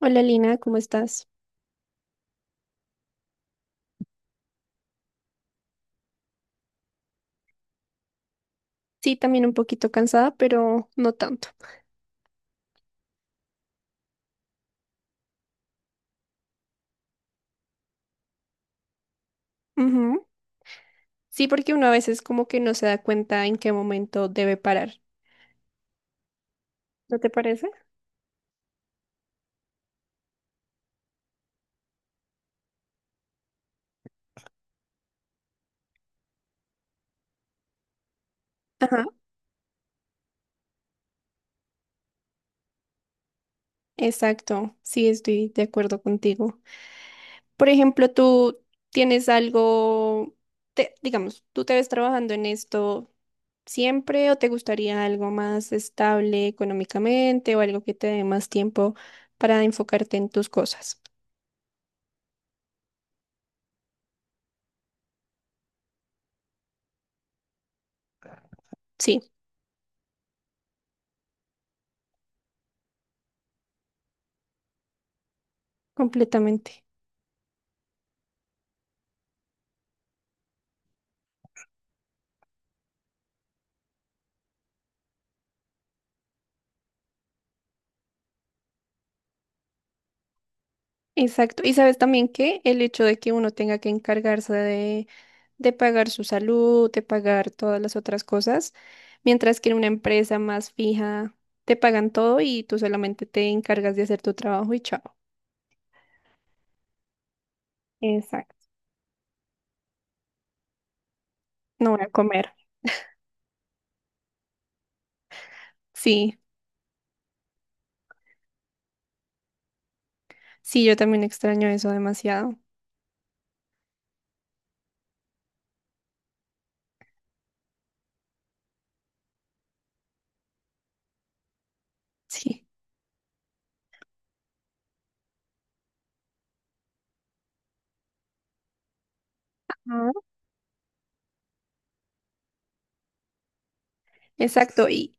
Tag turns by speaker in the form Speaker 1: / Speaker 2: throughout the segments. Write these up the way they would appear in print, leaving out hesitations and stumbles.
Speaker 1: Hola Lina, ¿cómo estás? Sí, también un poquito cansada, pero no tanto. Ujú. Sí, porque uno a veces como que no se da cuenta en qué momento debe parar. ¿No te parece? Ajá. Exacto, sí, estoy de acuerdo contigo. Por ejemplo, tú tienes algo, digamos, ¿tú, te ves trabajando en esto siempre o te gustaría algo más estable económicamente o algo que te dé más tiempo para enfocarte en tus cosas? Sí, completamente. Exacto. Y sabes también que el hecho de que uno tenga que encargarse de pagar su salud, de pagar todas las otras cosas, mientras que en una empresa más fija te pagan todo y tú solamente te encargas de hacer tu trabajo y chao. Exacto. No voy a comer. Sí, sí, yo también extraño eso demasiado. Sí. Ajá. Exacto, y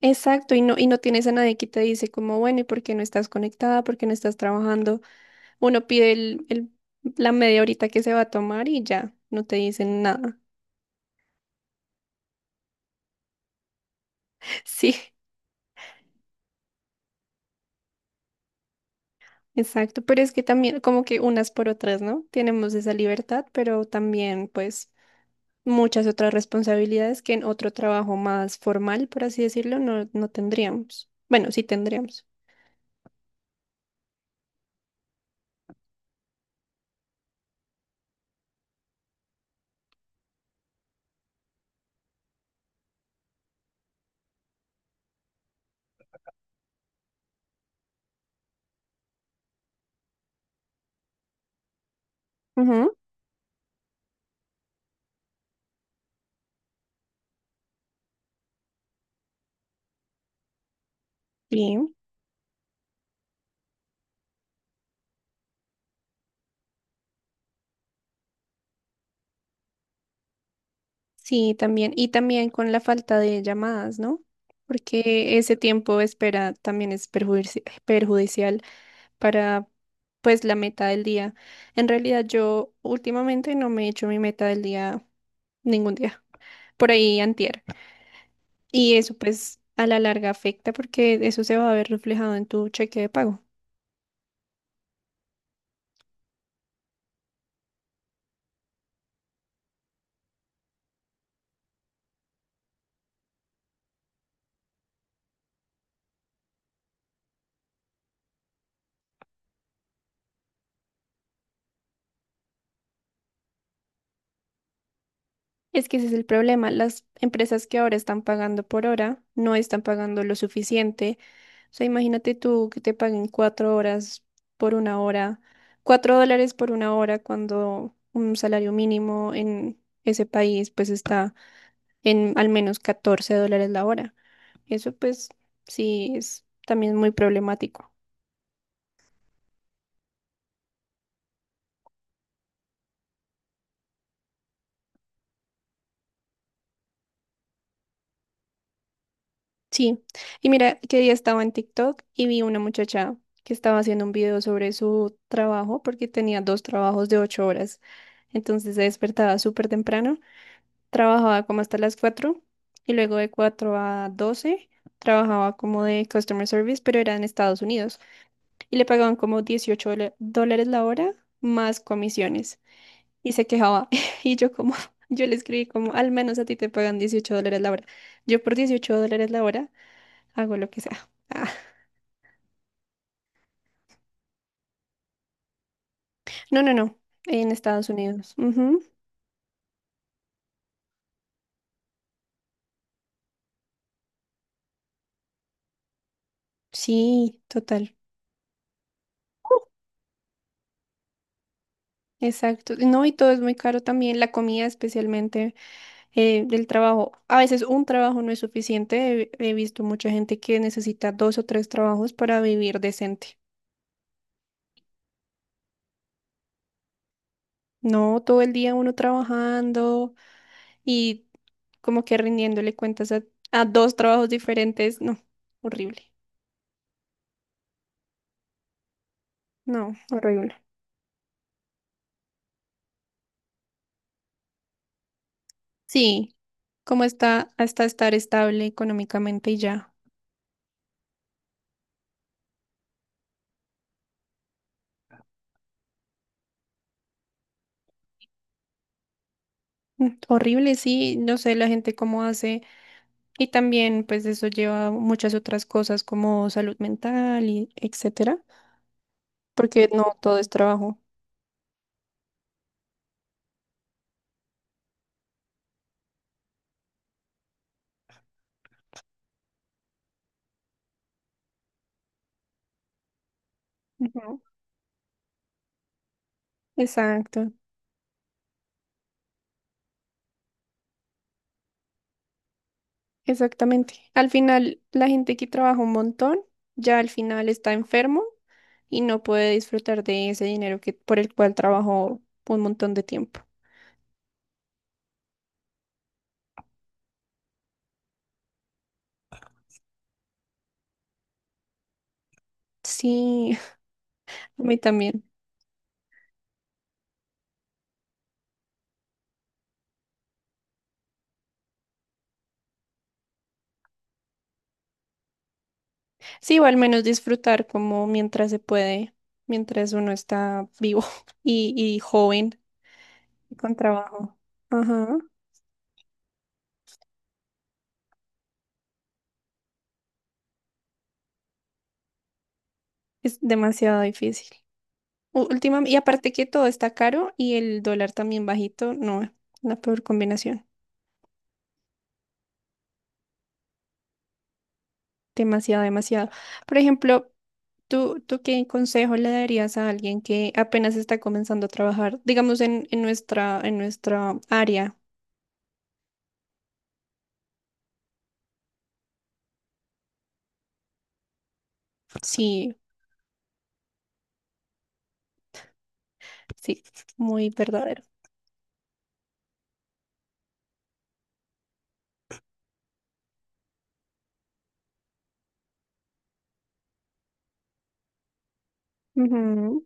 Speaker 1: exacto, y no, tienes a nadie que te dice como, bueno, ¿y por qué no estás conectada? ¿Por qué no estás trabajando? Uno pide la media horita que se va a tomar y ya, no te dicen nada. Sí, exacto, pero es que también como que unas por otras, ¿no? Tenemos esa libertad, pero también pues muchas otras responsabilidades que en otro trabajo más formal, por así decirlo, no tendríamos. Bueno, sí tendríamos. Ujú. Sí, sí, también. Y también con la falta de llamadas, ¿no? Porque ese tiempo de espera también es perjudicial para pues la meta del día. En realidad yo últimamente no me he hecho mi meta del día ningún día, por ahí antier. Y eso pues a la larga afecta porque eso se va a ver reflejado en tu cheque de pago. Es que ese es el problema, las empresas que ahora están pagando por hora no están pagando lo suficiente. O sea, imagínate tú que te paguen 4 horas por una hora, $4 por una hora cuando un salario mínimo en ese país pues está en al menos $14 la hora. Eso pues sí es también muy problemático. Sí, y mira, que día estaba en TikTok y vi una muchacha que estaba haciendo un video sobre su trabajo porque tenía dos trabajos de 8 horas. Entonces se despertaba súper temprano, trabajaba como hasta las 4 y luego de 4 a 12 trabajaba como de customer service, pero era en Estados Unidos y le pagaban como 18 dólares la hora más comisiones. Y se quejaba. Y yo como, yo le escribí como, al menos a ti te pagan $18 la hora. Yo por $18 la hora hago lo que sea. Ah, no, no, no, en Estados Unidos. Ujú. Sí, total. Exacto. No, y todo es muy caro también, la comida especialmente, el trabajo. A veces un trabajo no es suficiente. He visto mucha gente que necesita dos o tres trabajos para vivir decente. No, todo el día uno trabajando y como que rindiéndole cuentas a, dos trabajos diferentes, no, horrible, no, horrible. Sí, como está hasta estar estable económicamente y ya. Horrible, sí, no sé la gente cómo hace y también pues eso lleva a muchas otras cosas como salud mental y etcétera, porque no todo es trabajo. Ujú, exacto. Exactamente. Al final, la gente que trabaja un montón, ya al final está enfermo y no puede disfrutar de ese dinero que, por el cual trabajó un montón de tiempo. Sí, a mí también. Sí, o al menos disfrutar como mientras se puede, mientras uno está vivo y joven y con trabajo. Ajá, es demasiado difícil. Últimamente, y aparte que todo está caro y el dólar también bajito, no, la peor combinación. Demasiado, demasiado. Por ejemplo, ¿tú qué consejo le darías a alguien que apenas está comenzando a trabajar, digamos, en, en nuestra área? Sí, sí, muy verdadero. Ujú,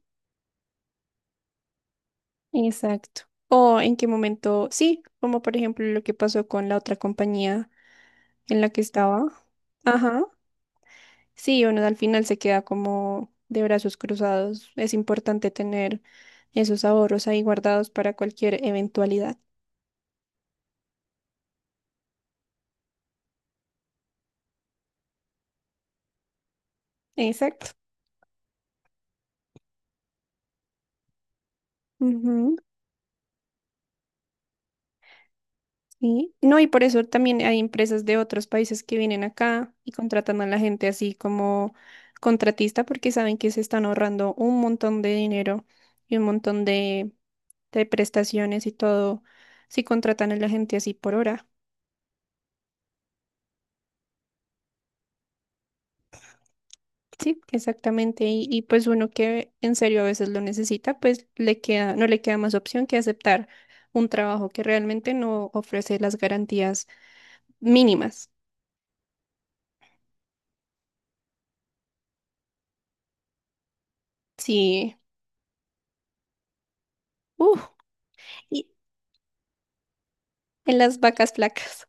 Speaker 1: exacto. O en qué momento, sí, como por ejemplo lo que pasó con la otra compañía en la que estaba. Ajá. Sí, uno al final se queda como de brazos cruzados. Es importante tener esos ahorros ahí guardados para cualquier eventualidad. Exacto. Ujú, sí. No, y por eso también hay empresas de otros países que vienen acá y contratan a la gente así como contratista porque saben que se están ahorrando un montón de dinero y un montón de, prestaciones y todo si contratan a la gente así por hora. Sí, exactamente. Y pues uno que en serio a veces lo necesita, pues le queda, no le queda más opción que aceptar un trabajo que realmente no ofrece las garantías mínimas. Sí. Uf. En las vacas flacas.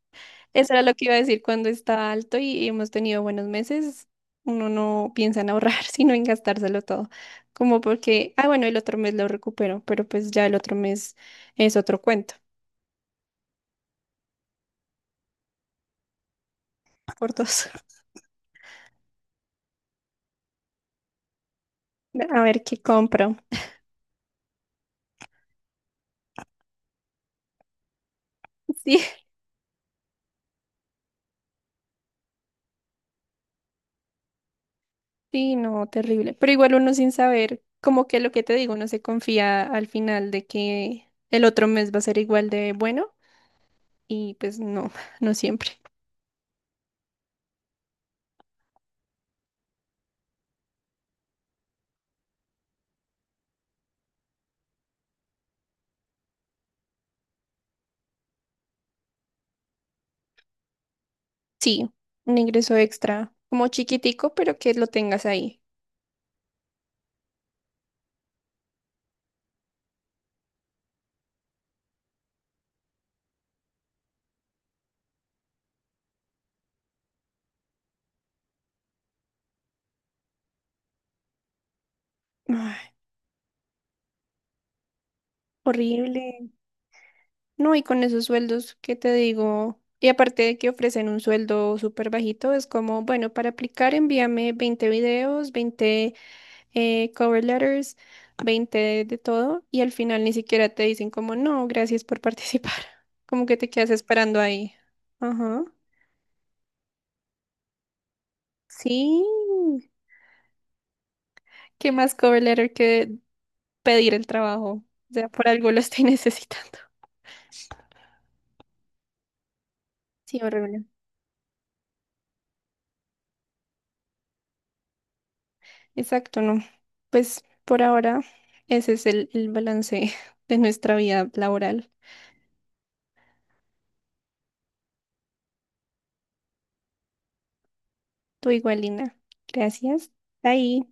Speaker 1: Eso era lo que iba a decir cuando está alto y hemos tenido buenos meses. Uno no piensa en ahorrar, sino en gastárselo todo. Como porque, ah, bueno, el otro mes lo recupero, pero pues ya el otro mes es otro cuento por dos. A ver qué compro. Sí, sí, no, terrible. Pero igual uno sin saber, como que lo que te digo, uno se confía al final de que el otro mes va a ser igual de bueno y pues no, no siempre. Sí, un ingreso extra, como chiquitico, pero que lo tengas ahí. Ay, horrible. No, y con esos sueldos, ¿qué te digo? Y aparte de que ofrecen un sueldo súper bajito, es como, bueno, para aplicar envíame 20 videos, 20 cover letters, 20 de, todo, y al final ni siquiera te dicen como, no, gracias por participar. Como que te quedas esperando ahí. Ajá. Sí. ¿Qué más cover letter que pedir el trabajo? O sea, por algo lo estoy necesitando. Sí, horrible. Exacto, no. Pues por ahora ese es el balance de nuestra vida laboral. Tú igual, Lina. Gracias. Bye.